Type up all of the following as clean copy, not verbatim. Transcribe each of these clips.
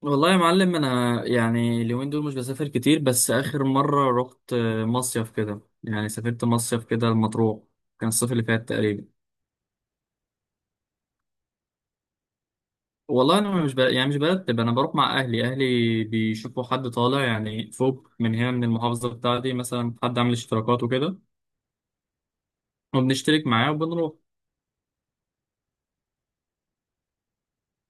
والله يا معلم انا يعني اليومين دول مش بسافر كتير بس اخر مره رحت مصيف كده يعني سافرت مصيف كده المطروح كان الصيف اللي فات تقريبا. والله انا مش ب... يعني مش برتب انا بروح مع اهلي. بيشوفوا حد طالع يعني فوق من هنا من المحافظه بتاعتي مثلا حد عامل اشتراكات وكده وبنشترك معاه وبنروح.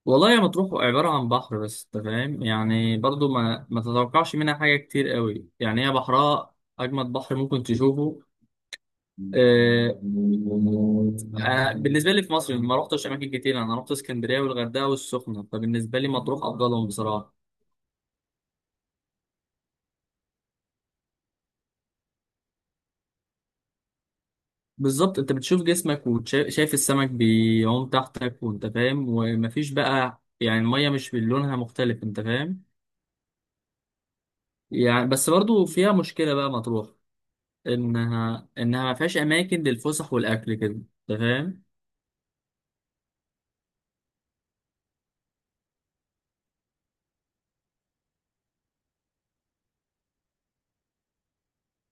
والله يا مطروح عباره عن بحر بس انت فاهم يعني برضو ما تتوقعش منها حاجه كتير قوي يعني هي بحرها اجمد بحر ممكن تشوفه. آه، أنا بالنسبة لي في مصر ما رحتش أماكن كتير، أنا رحت اسكندرية والغردقة والسخنة، فبالنسبة لي مطروح أفضلهم بصراحة. بالظبط، أنت بتشوف جسمك وشايف السمك بيعوم تحتك وأنت فاهم، ومفيش بقى يعني المية مش من لونها مختلف أنت فاهم. يعني بس برضو فيها مشكلة بقى مطروح، إنها ما فيهاش أماكن للفسح والأكل كده أنت فاهم.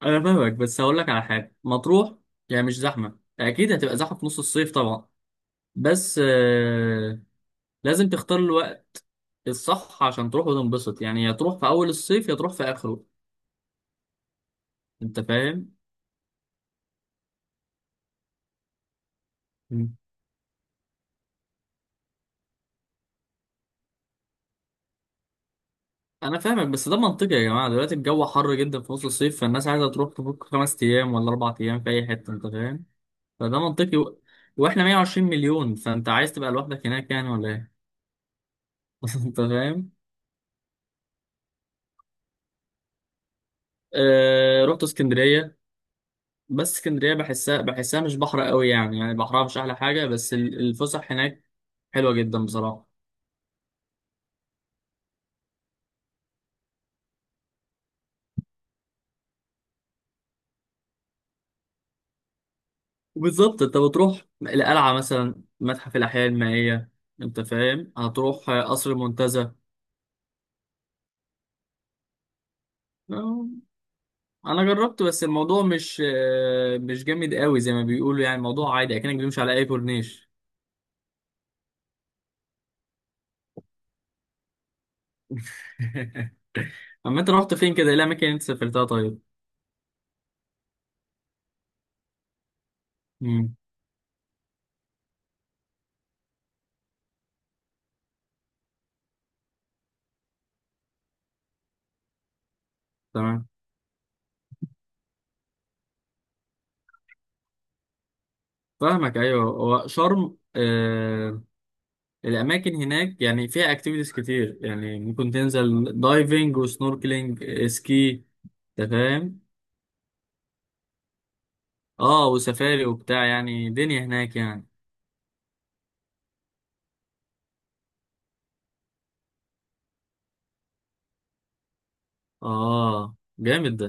أنا فاهمك بس هقول لك على حاجة. مطروح يعني مش زحمة، أكيد هتبقى زحمة في نص الصيف طبعا. بس لازم تختار الوقت الصح عشان تروح وتنبسط، يعني يا تروح في اول الصيف يا تروح في اخره انت فاهم. مم. انا فاهمك بس ده منطقي يا جماعه، دلوقتي الجو حر جدا في نص الصيف فالناس عايزه تروح تفك 5 ايام ولا 4 ايام في اي حته انت فاهم. فده منطقي واحنا 120 مليون، فانت عايز تبقى لوحدك هناك يعني ولا ايه؟ انت فاهم. رحت اسكندريه، بس اسكندريه بحسها مش بحر قوي يعني، يعني بحرها مش احلى حاجه، بس الفسح هناك حلوه جدا بصراحه. وبالظبط انت بتروح القلعة مثلا، متحف الأحياء المائية انت فاهم، هتروح قصر المنتزه. اه، انا جربت بس الموضوع مش جامد قوي زي ما بيقولوا، يعني الموضوع عادي اكنك بتمشي على اي كورنيش. اما انت رحت فين كده؟ ايه الاماكن اللي انت سافرتها طيب؟ امم. تمام، فاهمك ايوه. هو شرم آه، الاماكن هناك يعني فيها اكتيفيتيز كتير، يعني ممكن تنزل دايفنج وسنوركلينج سكي انت فاهم. اه وسفاري وبتاع، يعني دنيا هناك يعني. اه جامد ده.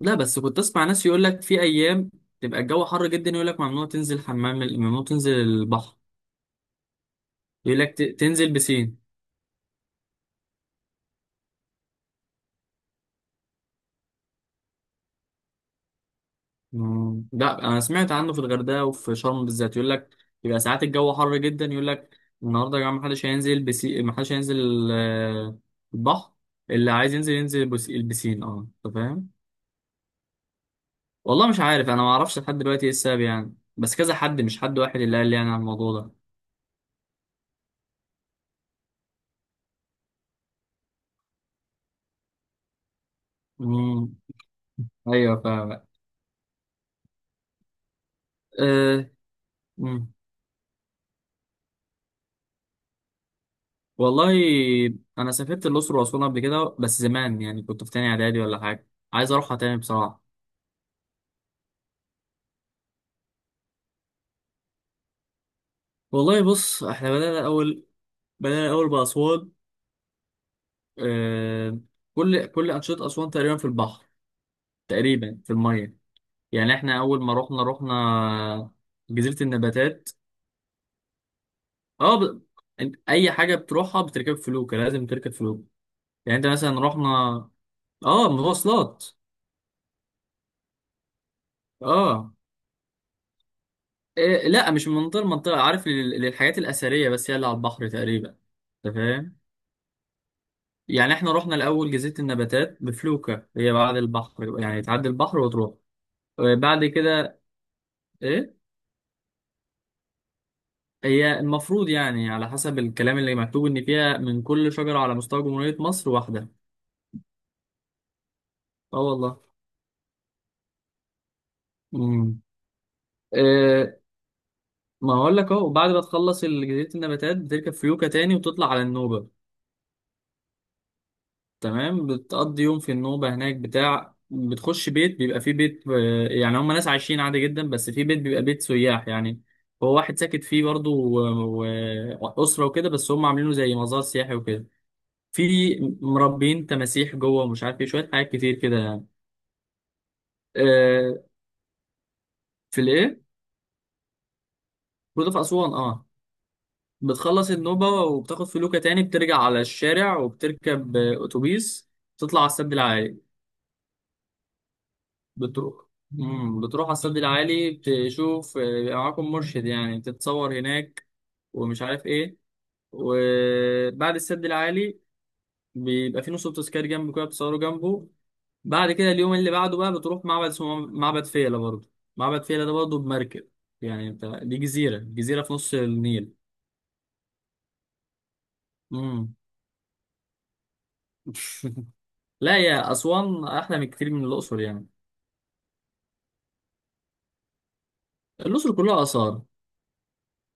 لا بس كنت اسمع ناس يقول لك في ايام تبقى الجو حر جدا، يقول لك ممنوع تنزل حمام ممنوع تنزل البحر، يقول لك تنزل بسين. مم، لا انا سمعت عنه في الغردقه وفي شرم بالذات، يقول لك يبقى ساعات الجو حر جدا، يقول لك النهارده يا جماعه محدش هينزل بسين، محدش هينزل البحر، اللي عايز ينزل ينزل البسين اه انت فاهم. والله مش عارف، انا ما اعرفش لحد دلوقتي ايه السبب يعني، بس كذا حد، مش حد واحد اللي قال لي يعني على الموضوع ده. امم. ايوه فاهم. أه. مم. والله انا سافرت الاقصر واسوان قبل كده بس زمان، يعني كنت في تاني اعدادي ولا حاجه، عايز اروحها تاني بصراحه. والله بص، احنا بدانا الاول، بدانا الاول باسوان. أه. كل كل انشطه اسوان تقريبا في البحر، تقريبا في الميه، يعني احنا اول ما رحنا جزيره النباتات. اه ب... انت اي حاجه بتروحها بتركب فلوكه، لازم تركب فلوكه يعني. انت مثلا رحنا. اه مواصلات. اه، إيه لا، مش من منطقه لمنطقه، عارف، للحاجات الاثريه بس هي اللي على البحر تقريبا انت فاهم. يعني احنا رحنا الاول جزيره النباتات بفلوكه، هي بعد البحر يعني، تعدي البحر وتروح. بعد كده ايه، هي المفروض يعني على حسب الكلام اللي مكتوب ان فيها من كل شجره على مستوى جمهوريه مصر واحده. اه والله. امم. ما اقول لك اهو، بعد ما تخلص جزيرة النباتات بتركب فيوكة تاني وتطلع على النوبة. تمام، بتقضي يوم في النوبة هناك، بتاع بتخش بيت، بيبقى فيه بيت يعني هم ناس عايشين عادي جدا، بس في بيت بيبقى بيت سياح يعني، هو واحد ساكت فيه برضه وأسرة وكده، بس هم عاملينه زي مزار سياحي وكده. في مربين تماسيح جوه ومش عارف ايه، شوية حاجات كتير كده يعني. آه، في الايه؟ برضه في أسوان اه. بتخلص النوبة وبتاخد فلوكة تاني، بترجع على الشارع وبتركب أتوبيس تطلع على السد العالي. بتروح مم. بتروح على السد العالي، بتشوف بيبقى معاكم مرشد يعني، تتصور هناك ومش عارف ايه. وبعد السد العالي بيبقى في نص تذكاري جنبه كده، بتصوروا جنبه. بعد كده اليوم اللي بعده بقى بتروح معبد اسمه معبد فيلة برضه، معبد فيلة ده برضه بمركب، يعني انت دي جزيرة، في نص النيل. مم. لا يا أسوان أحلى من كتير من الأقصر يعني. الأقصر كلها آثار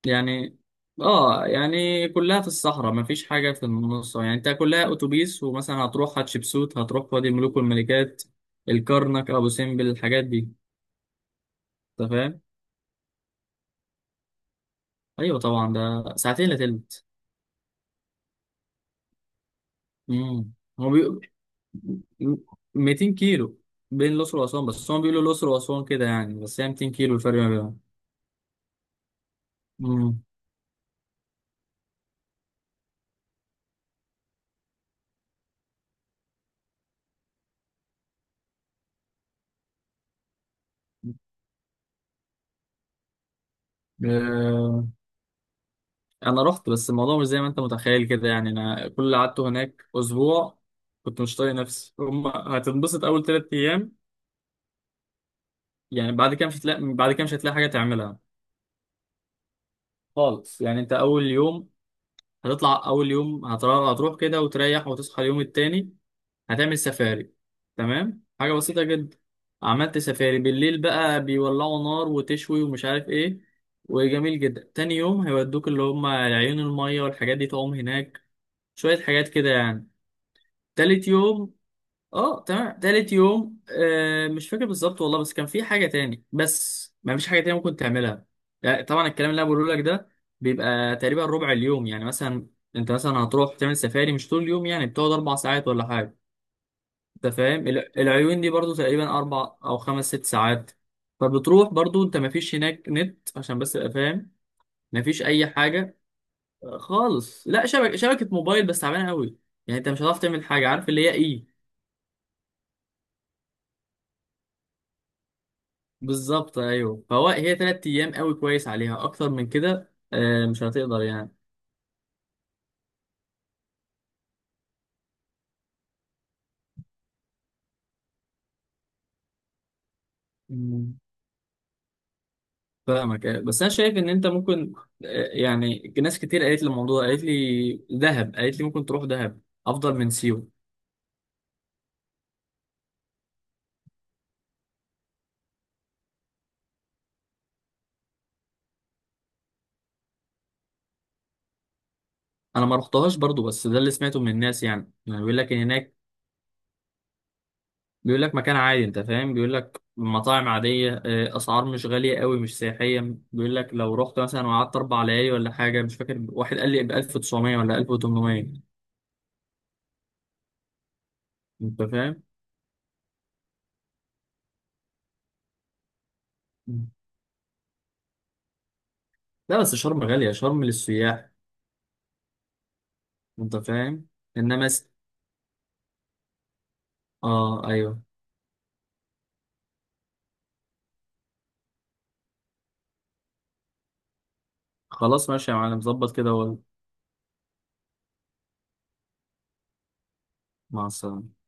يعني، آه يعني كلها في الصحراء مفيش حاجة في النص، يعني أنت كلها أتوبيس، ومثلا هتروح حتشبسوت، هتروح وادي الملوك والملكات، الكرنك، أبو سمبل، الحاجات دي أنت فاهم؟ أيوه طبعا، ده ساعتين إلا تلت. مم. هو بي... 200 كيلو بين الأقصر وأسوان، بس هم بيقولوا الأقصر وأسوان كده يعني، بس هي 200 كيلو الفرق ما بينهم. مم. آه. انا رحت بس الموضوع مش زي ما انت متخيل كده، يعني انا كل اللي قعدته هناك اسبوع كنت مش طايق نفسي، هم هتنبسط اول 3 ايام يعني، بعد كده مش هتلاقي، بعد كده مش هتلاقي حاجه تعملها خالص يعني. انت اول يوم هتطلع، اول يوم هتروح، كده وتريح وتصحى اليوم التاني هتعمل سفاري، تمام حاجه بسيطه جدا. عملت سفاري بالليل بقى، بيولعوا نار وتشوي ومش عارف ايه، وجميل جدا. تاني يوم هيودوك اللي هم عيون الميه، والحاجات دي تعوم هناك شويه حاجات كده يعني. تالت يوم، اه تمام، تالت يوم آه مش فاكر بالظبط والله، بس كان في حاجة تاني، بس ما فيش حاجة تانية ممكن تعملها. لا، طبعا الكلام اللي انا بقوله لك ده بيبقى تقريبا ربع اليوم يعني، مثلا انت مثلا هتروح تعمل سفاري مش طول اليوم، يعني بتقعد 4 ساعات ولا حاجة انت فاهم. العيون دي برضو تقريبا اربع او خمس ست ساعات، فبتروح برضو انت. ما فيش هناك نت عشان بس تبقى فاهم، ما فيش اي حاجة خالص، لا شبكة موبايل بس تعبانة قوي يعني، انت مش هتعرف تعمل حاجة عارف اللي هي ايه. بالظبط ايوه، فهو هي 3 ايام قوي كويس عليها، اكتر من كده مش هتقدر يعني. مم. فاهمك بس انا شايف ان انت ممكن يعني ناس كتير قالت لي الموضوع، قالت لي دهب، قالت لي ممكن تروح دهب افضل من سيوه. انا ما رحتهاش برضو بس ده اللي سمعته من الناس، يعني يعني بيقول لك ان هناك، بيقول لك مكان عادي انت فاهم، بيقول لك مطاعم عاديه اسعار مش غاليه قوي، مش سياحيه، بيقول لك لو رحت مثلا وقعدت 4 ليالي ولا حاجه مش فاكر، واحد قال لي ب 1900 ولا 1800 انت فاهم. لا بس شرم غالية، شرم للسياح انت فاهم. انما س... اه ايوه. خلاص ماشي يا معلم، ظبط كده. ومع السلامة.